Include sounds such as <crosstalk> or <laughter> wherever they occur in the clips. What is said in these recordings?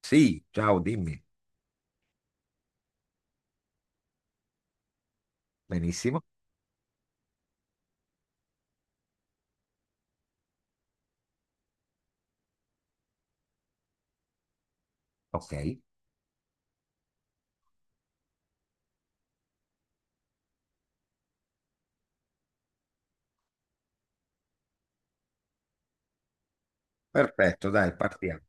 Sì, ciao, dimmi. Benissimo. Ok, perfetto, dai, partiamo.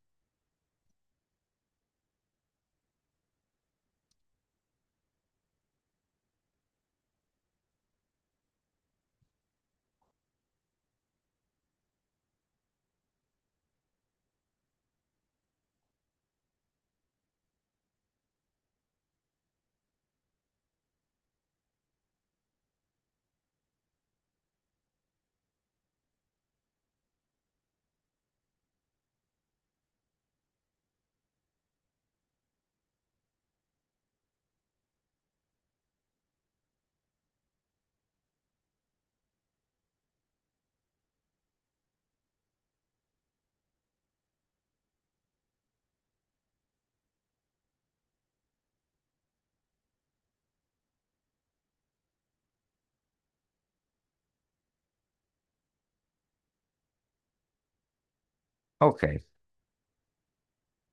Ok,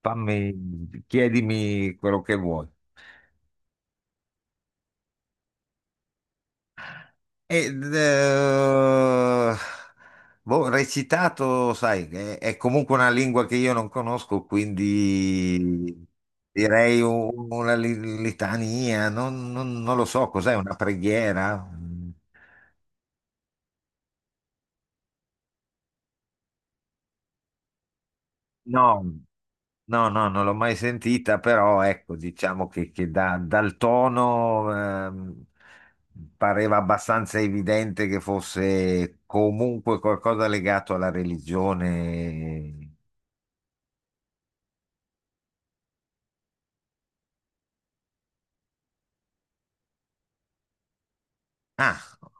chiedimi quello che vuoi. Ed, eh, boh, recitato, sai, è comunque una lingua che io non conosco, quindi direi una litania, non lo so, cos'è, una preghiera? No, no, no, non l'ho mai sentita, però ecco, diciamo che dal tono ehm, pareva abbastanza evidente che fosse comunque qualcosa legato alla religione. Ah,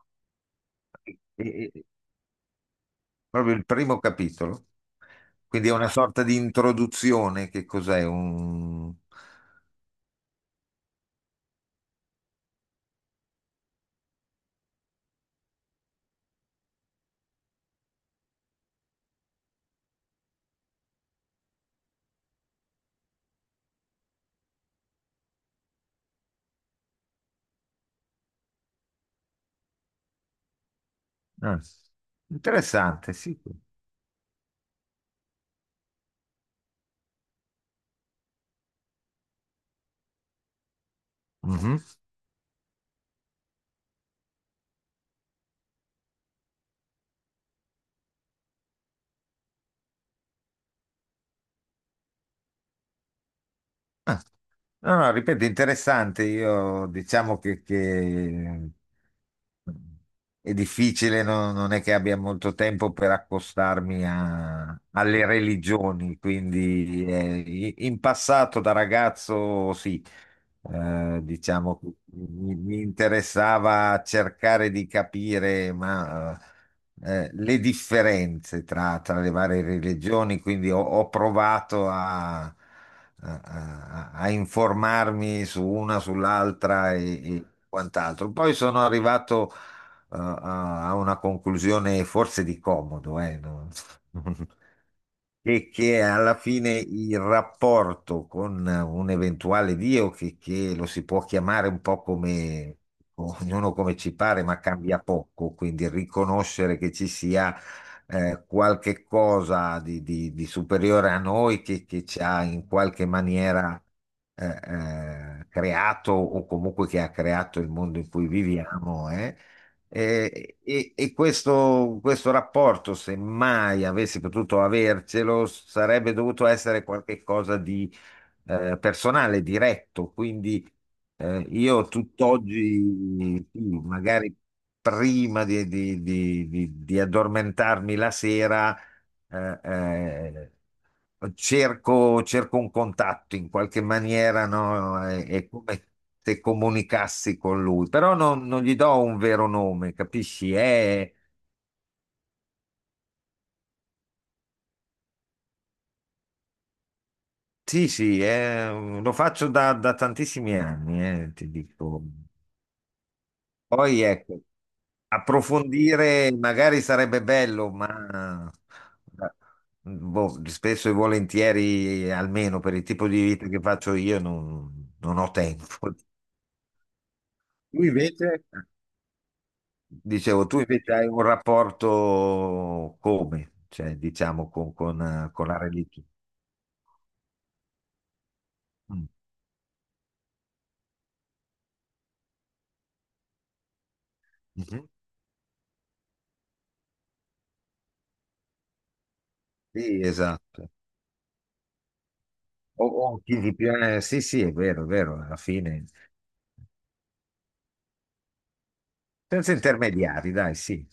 e- e- proprio il primo capitolo. Quindi è una sorta di introduzione, che cos'è? Ah, interessante, sì. Mhm. Ah, no, no, ripeto, interessante. Io diciamo che è difficile, non è che abbia molto tempo per accostarmi alle religioni, quindi in passato da ragazzo sì, diciamo, mi interessava cercare di capire, ma, le differenze tra le varie religioni, quindi ho provato a informarmi su una, sull'altra e quant'altro. Poi sono arrivato, a una conclusione forse di comodo, no? E che alla fine il rapporto con un eventuale Dio, che lo si può chiamare un po' come ognuno come ci pare, ma cambia poco, quindi riconoscere che ci sia qualche cosa di superiore a noi che ci ha in qualche maniera eh, creato o comunque che ha creato il mondo in cui viviamo. E questo rapporto, se mai avessi potuto avercelo, sarebbe dovuto essere qualcosa di personale, diretto. Quindi io tutt'oggi, sì, magari prima di addormentarmi la sera, eh, eh, cerco un contatto in qualche maniera, no? È come se comunicassi con lui, però non gli do un vero nome, capisci? Sì, sì, lo faccio da tantissimi anni, ti dico. Poi ecco, approfondire magari sarebbe bello, ma boh, spesso e volentieri, almeno per il tipo di vita che faccio io, non ho tempo. Lui invece? Dicevo, tu invece hai un rapporto come? Cioè, diciamo, con la religione. Mm. Mhm. Sì, esatto. O chi di più- Sì, sì, è vero, alla fine. Senza intermediari, dai, sì.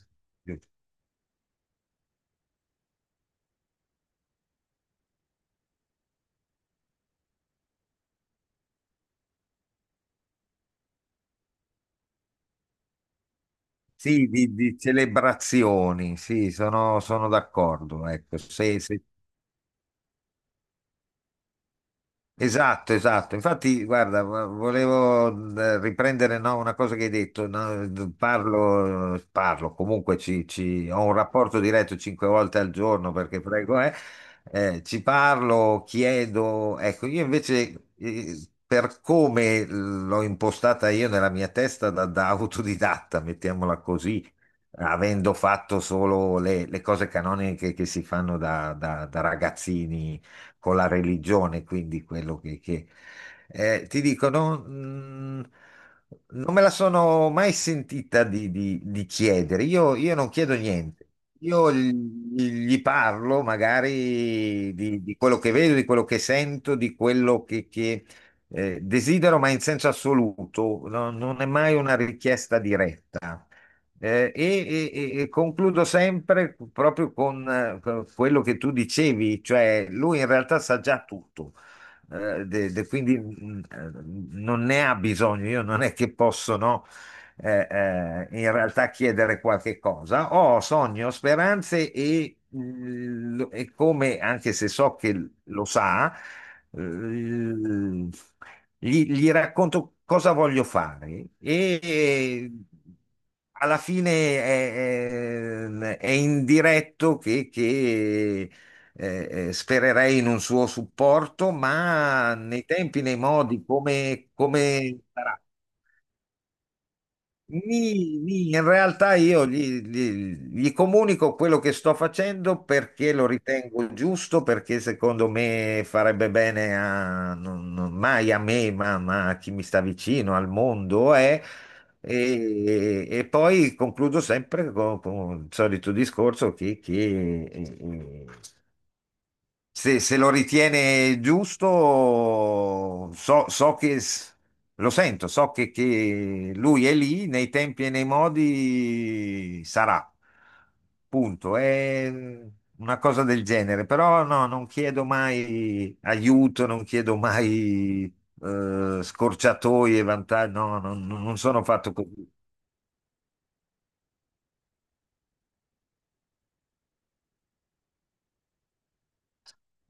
Sì, di celebrazioni, sì, sono d'accordo. Ecco, se, se Esatto, esatto. Infatti, guarda, volevo riprendere, no, una cosa che hai detto, no. Parlo, comunque ho un rapporto diretto cinque volte al giorno perché prego, ci parlo, chiedo. Ecco, io invece, per come l'ho impostata io nella mia testa da autodidatta, mettiamola così, avendo fatto solo le cose canoniche che si fanno da ragazzini con la religione, quindi quello ti dico, non me la sono mai sentita di chiedere. Io non chiedo niente. Io gli parlo magari di quello che vedo, di quello che sento, di quello che desidero, ma in senso assoluto. Non è mai una richiesta diretta. E concludo sempre proprio con quello che tu dicevi, cioè lui in realtà sa già tutto, quindi non ne ha bisogno, io non è che posso, no, in realtà chiedere qualche cosa. Ho sogni, ho speranze e come, anche se so che lo sa, l- gli racconto cosa voglio fare e alla fine è indiretto che spererei in un suo supporto, ma nei tempi, nei modi, come come sarà? In realtà io gli comunico quello che sto facendo perché lo ritengo giusto, perché secondo me farebbe bene a, non- non- mai a me, ma a chi mi sta vicino, al mondo. E poi concludo sempre con il solito discorso che, se lo ritiene giusto, so lo sento, so che lui è lì nei tempi e nei modi sarà. Punto. È una cosa del genere, però no, non chiedo mai aiuto, non chiedo mai scorciatoie, vantaggi. No, non sono fatto così.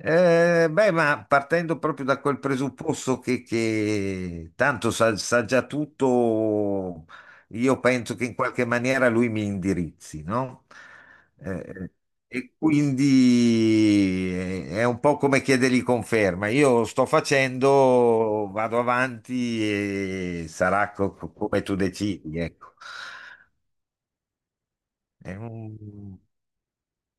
Beh, ma partendo proprio da quel presupposto che tanto sa già tutto, io penso che in qualche maniera lui mi indirizzi, no? Eh, e quindi è un po' come chiedergli conferma. Io sto facendo, vado avanti e sarà come tu decidi, ecco. È un-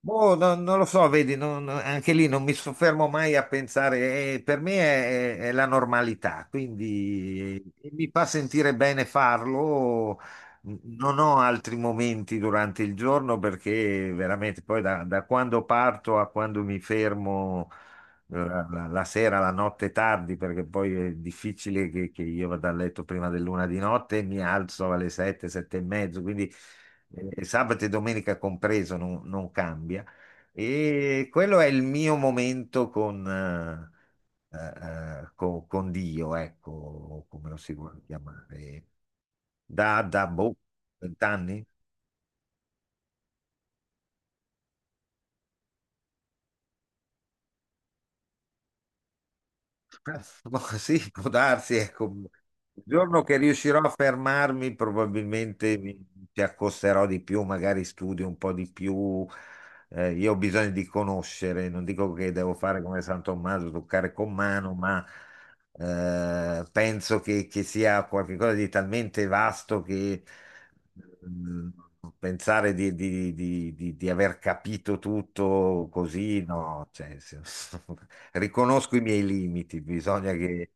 Boh, non lo so, vedi, anche lì non mi soffermo mai a pensare, per me è la normalità, quindi mi fa sentire bene farlo. Non ho altri momenti durante il giorno perché veramente poi da quando parto a quando mi fermo la sera, la notte tardi, perché poi è difficile che io vada a letto prima dell'una di notte e mi alzo alle sette, sette e mezzo, quindi sabato e domenica compreso, non cambia. E quello è il mio momento con Dio, ecco, come lo si vuole chiamare. Da boh, vent'anni? <laughs> Ma sì, può darsi, ecco. Il giorno che riuscirò a fermarmi, probabilmente mi ci accosterò di più, magari studio un po' di più. Io ho bisogno di conoscere, non dico che devo fare come San Tommaso, toccare con mano, ma penso che sia qualcosa di talmente vasto che mm, pensare di aver capito tutto così, no, cioè, <laughs> riconosco i miei limiti, bisogna che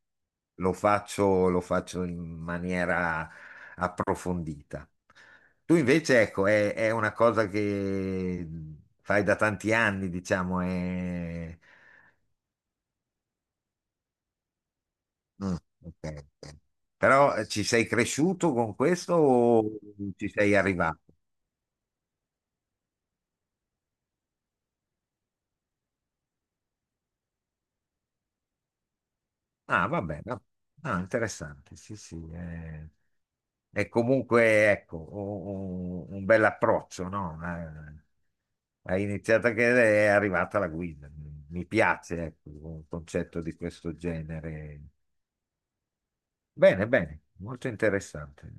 lo faccio in maniera approfondita. Tu invece, ecco, è una cosa che fai da tanti anni, diciamo, è... Mm, ok, ok. Però ci sei cresciuto con questo o ci sei arrivato? Ah, va bene, no. Ah, interessante. Sì, sì. È comunque, ecco, un bel approccio, no? Hai iniziato che è arrivata la guida. Mi piace, ecco, un concetto di questo genere. Bene, bene, molto interessante.